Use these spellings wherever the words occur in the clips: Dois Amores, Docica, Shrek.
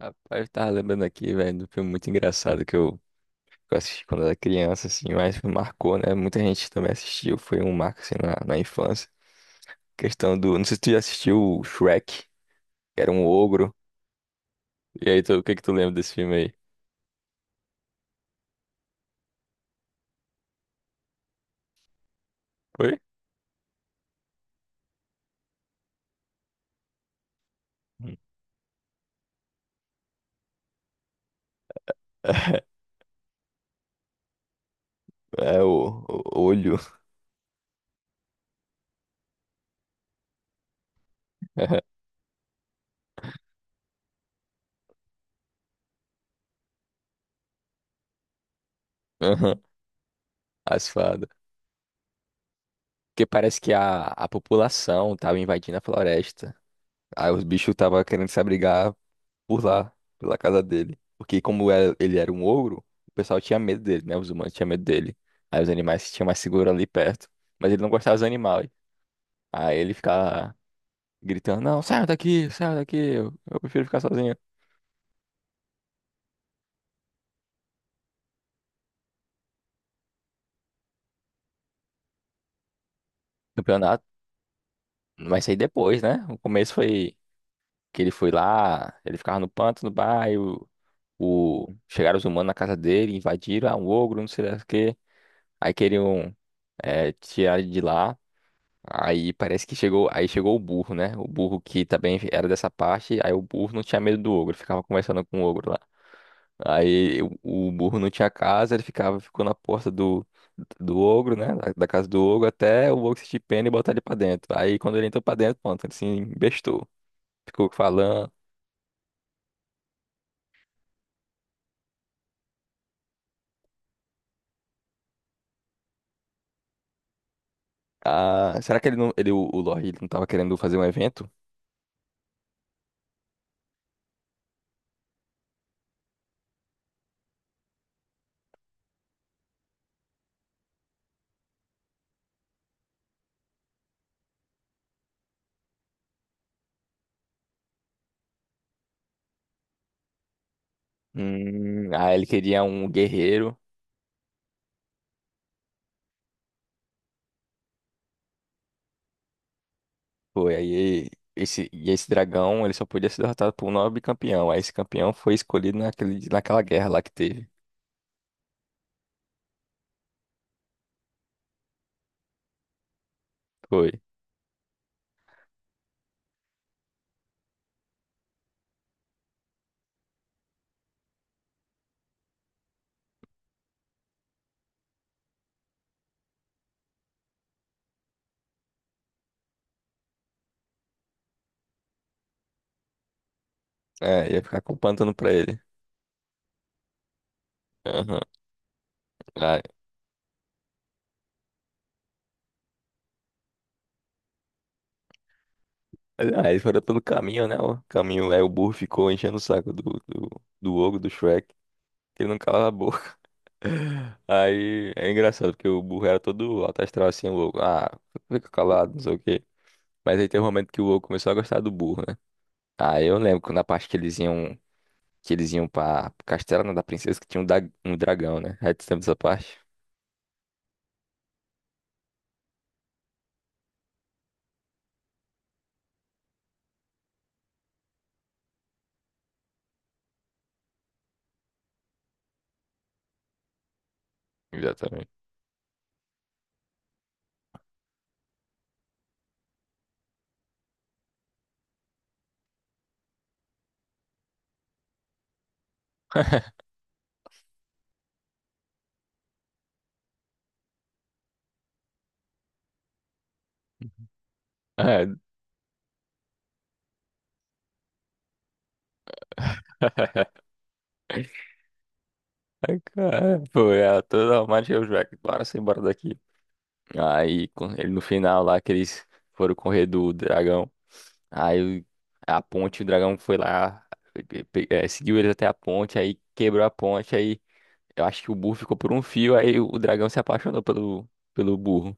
Rapaz, eu tava lembrando aqui, velho, do filme muito engraçado que eu assisti quando era criança, assim, mas me marcou, né? Muita gente também assistiu, foi um marco, assim, na infância. Questão do... Não sei se tu já assistiu o Shrek, que era um ogro. E aí, tu, o que que tu lembra desse filme aí? Foi? Hum. É, o olho. Aham. As fadas. Porque parece que a população tava invadindo a floresta. Aí os bichos tava querendo se abrigar por lá, pela casa dele. Porque como era ele era um ogro, o pessoal tinha medo dele, né? Os humanos tinham medo dele. Aí os animais se tinham mais seguro ali perto. Mas ele não gostava dos animais. Aí ele ficava gritando, não, sai daqui, eu prefiro ficar sozinho. Campeonato. Mas isso aí depois, né? O começo foi que ele foi lá, ele ficava no pântano, no bairro, o... chegaram os humanos na casa dele, invadiram, ah, um ogro, não sei lá o quê. Aí queriam tirar ele de lá. Aí parece que chegou, aí chegou o burro, né? O burro que também era dessa parte, aí o burro não tinha medo do ogro, ficava conversando com o ogro lá. Aí o burro não tinha casa, ele ficava, ficou na porta do ogro, né? Da casa do ogro até o ogro se pena e botar ele pra dentro. Aí quando ele entrou pra dentro, pronto, ele se embestou. Ficou falando. Ah, será que ele não, ele, o Lorde, ele não tava querendo fazer um evento? Ah, ele queria um guerreiro. Foi, aí esse dragão, ele só podia ser derrotado por um nobre campeão. Aí esse campeão foi escolhido naquela guerra lá que teve. Foi. É, ia ficar com o pântano pra ele. Aham. Aí, aí eles foram pelo caminho, né? O caminho, aí o burro ficou enchendo o saco do ogro, do Shrek, que ele não calava a boca. Aí é engraçado, porque o burro era todo alto astral assim, o ogro. Ah, fica calado, não sei o quê. Mas aí tem um momento que o ogro começou a gostar do burro, né? Aí eu lembro que na parte que eles iam pra Castelo da Princesa, que tinha um dragão, né? Aí tu lembra dessa parte? Exatamente. É, é, cara, foi, é, toda a marcha os moleques, bora se embora daqui. Aí, com- ele no final lá, que eles foram correr do dragão. Aí, o- a ponte, o dragão foi lá, pe- pe- é, seguiu eles até a ponte, aí quebrou a ponte, aí eu acho que o burro ficou por um fio, aí o dragão se apaixonou pelo burro.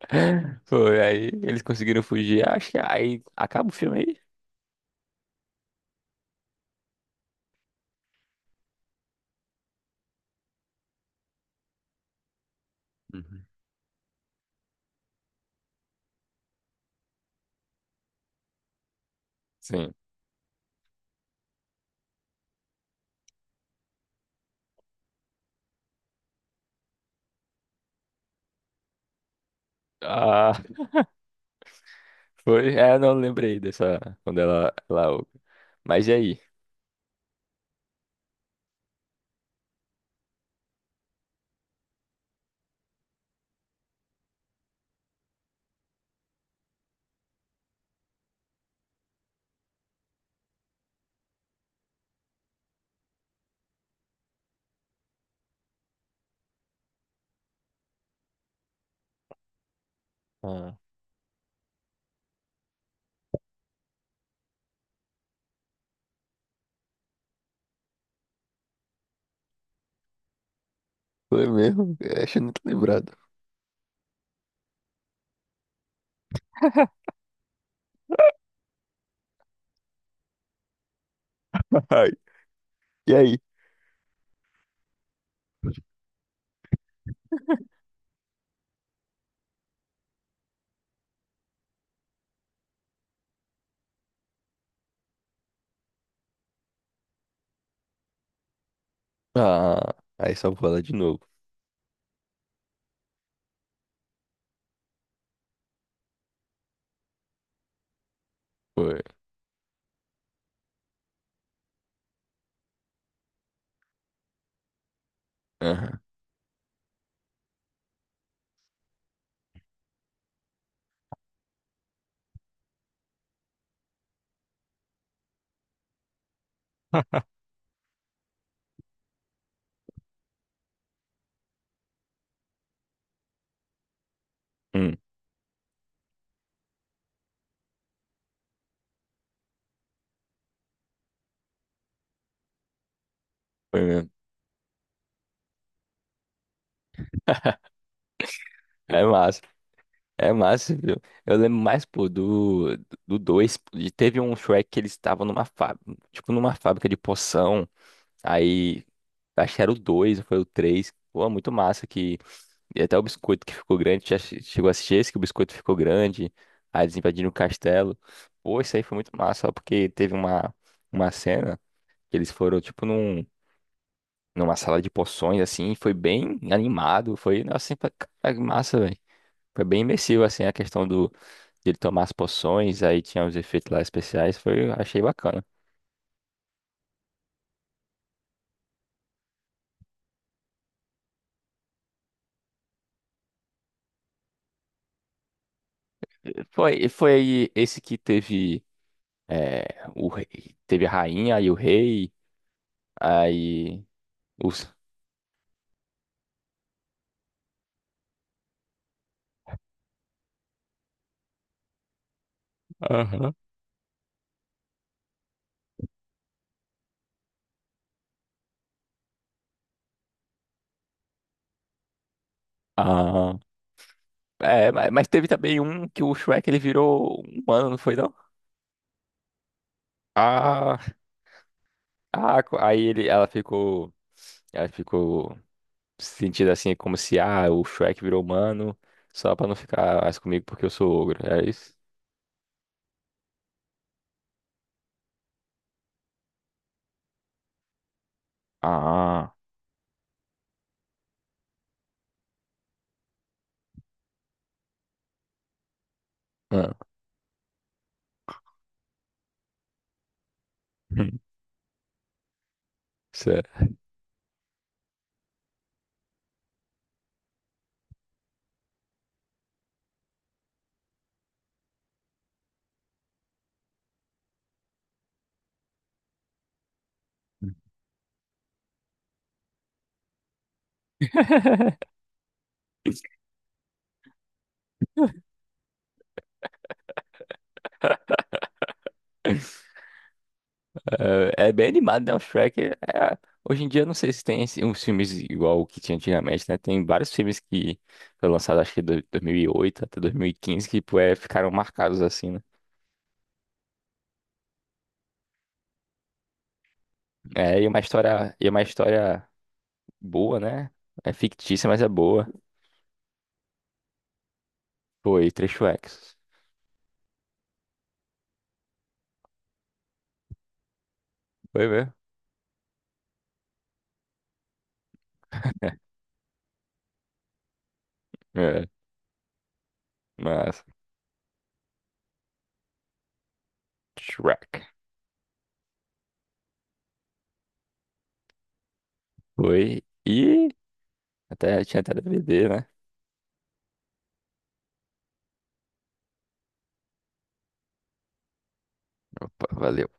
Foi, aí eles conseguiram fugir, acho que aí acaba o filme aí. Sim. Ah, foi. É, eu não lembrei dessa. Quando ela. Ela... Mas e aí? Ah. Foi mesmo? Eu acho nem lembrado. Ai, e aí? Ah, aí só vou lá de novo. Foi. Aham. Hum, foi mesmo. É massa. É massa, viu? Eu lembro mais, pô, do 2. Teve um Shrek que eles estavam numa fábrica, tipo numa fábrica de poção. Aí, acho que era o 2 foi o três. Pô, muito massa que. E até o biscoito que ficou grande. Já che- chegou a assistir esse que o biscoito ficou grande. Aí eles invadiram o castelo. Pô, isso aí foi muito massa, só porque teve uma cena que eles foram, tipo, numa sala de poções, assim. E foi bem animado. Foi, assim, pra, cara, que massa, velho. Foi bem imersivo, assim, a questão do, de ele tomar as poções. Aí tinha os efeitos lá especiais. Foi, achei bacana. Foi, foi esse que teve. É, o rei, teve a rainha e o rei, aí os. Aham. Ah, é, ma- mas teve também um que o Shrek ele virou um humano, não foi não? Ah, ah, co- aí ele, ela ficou se sentindo assim como se ah, o Shrek virou humano só pra não ficar mais comigo porque eu sou ogro, é isso? Ah, ah. Hum. Certo. É é bem animado, né? O Shrek é- Hoje em dia, eu não sei se tem esse- uns filmes igual o que tinha antigamente, né? Tem vários filmes que foram lançados, acho que de 2008 até 2015, que pô, é, ficaram marcados assim, né? É, e é uma história, boa, né? É fictícia, mas é boa. Foi três Shreks. Foi mesmo? É, mas Shrek. Foi. E até, tinha até DVD, né? Opa, valeu.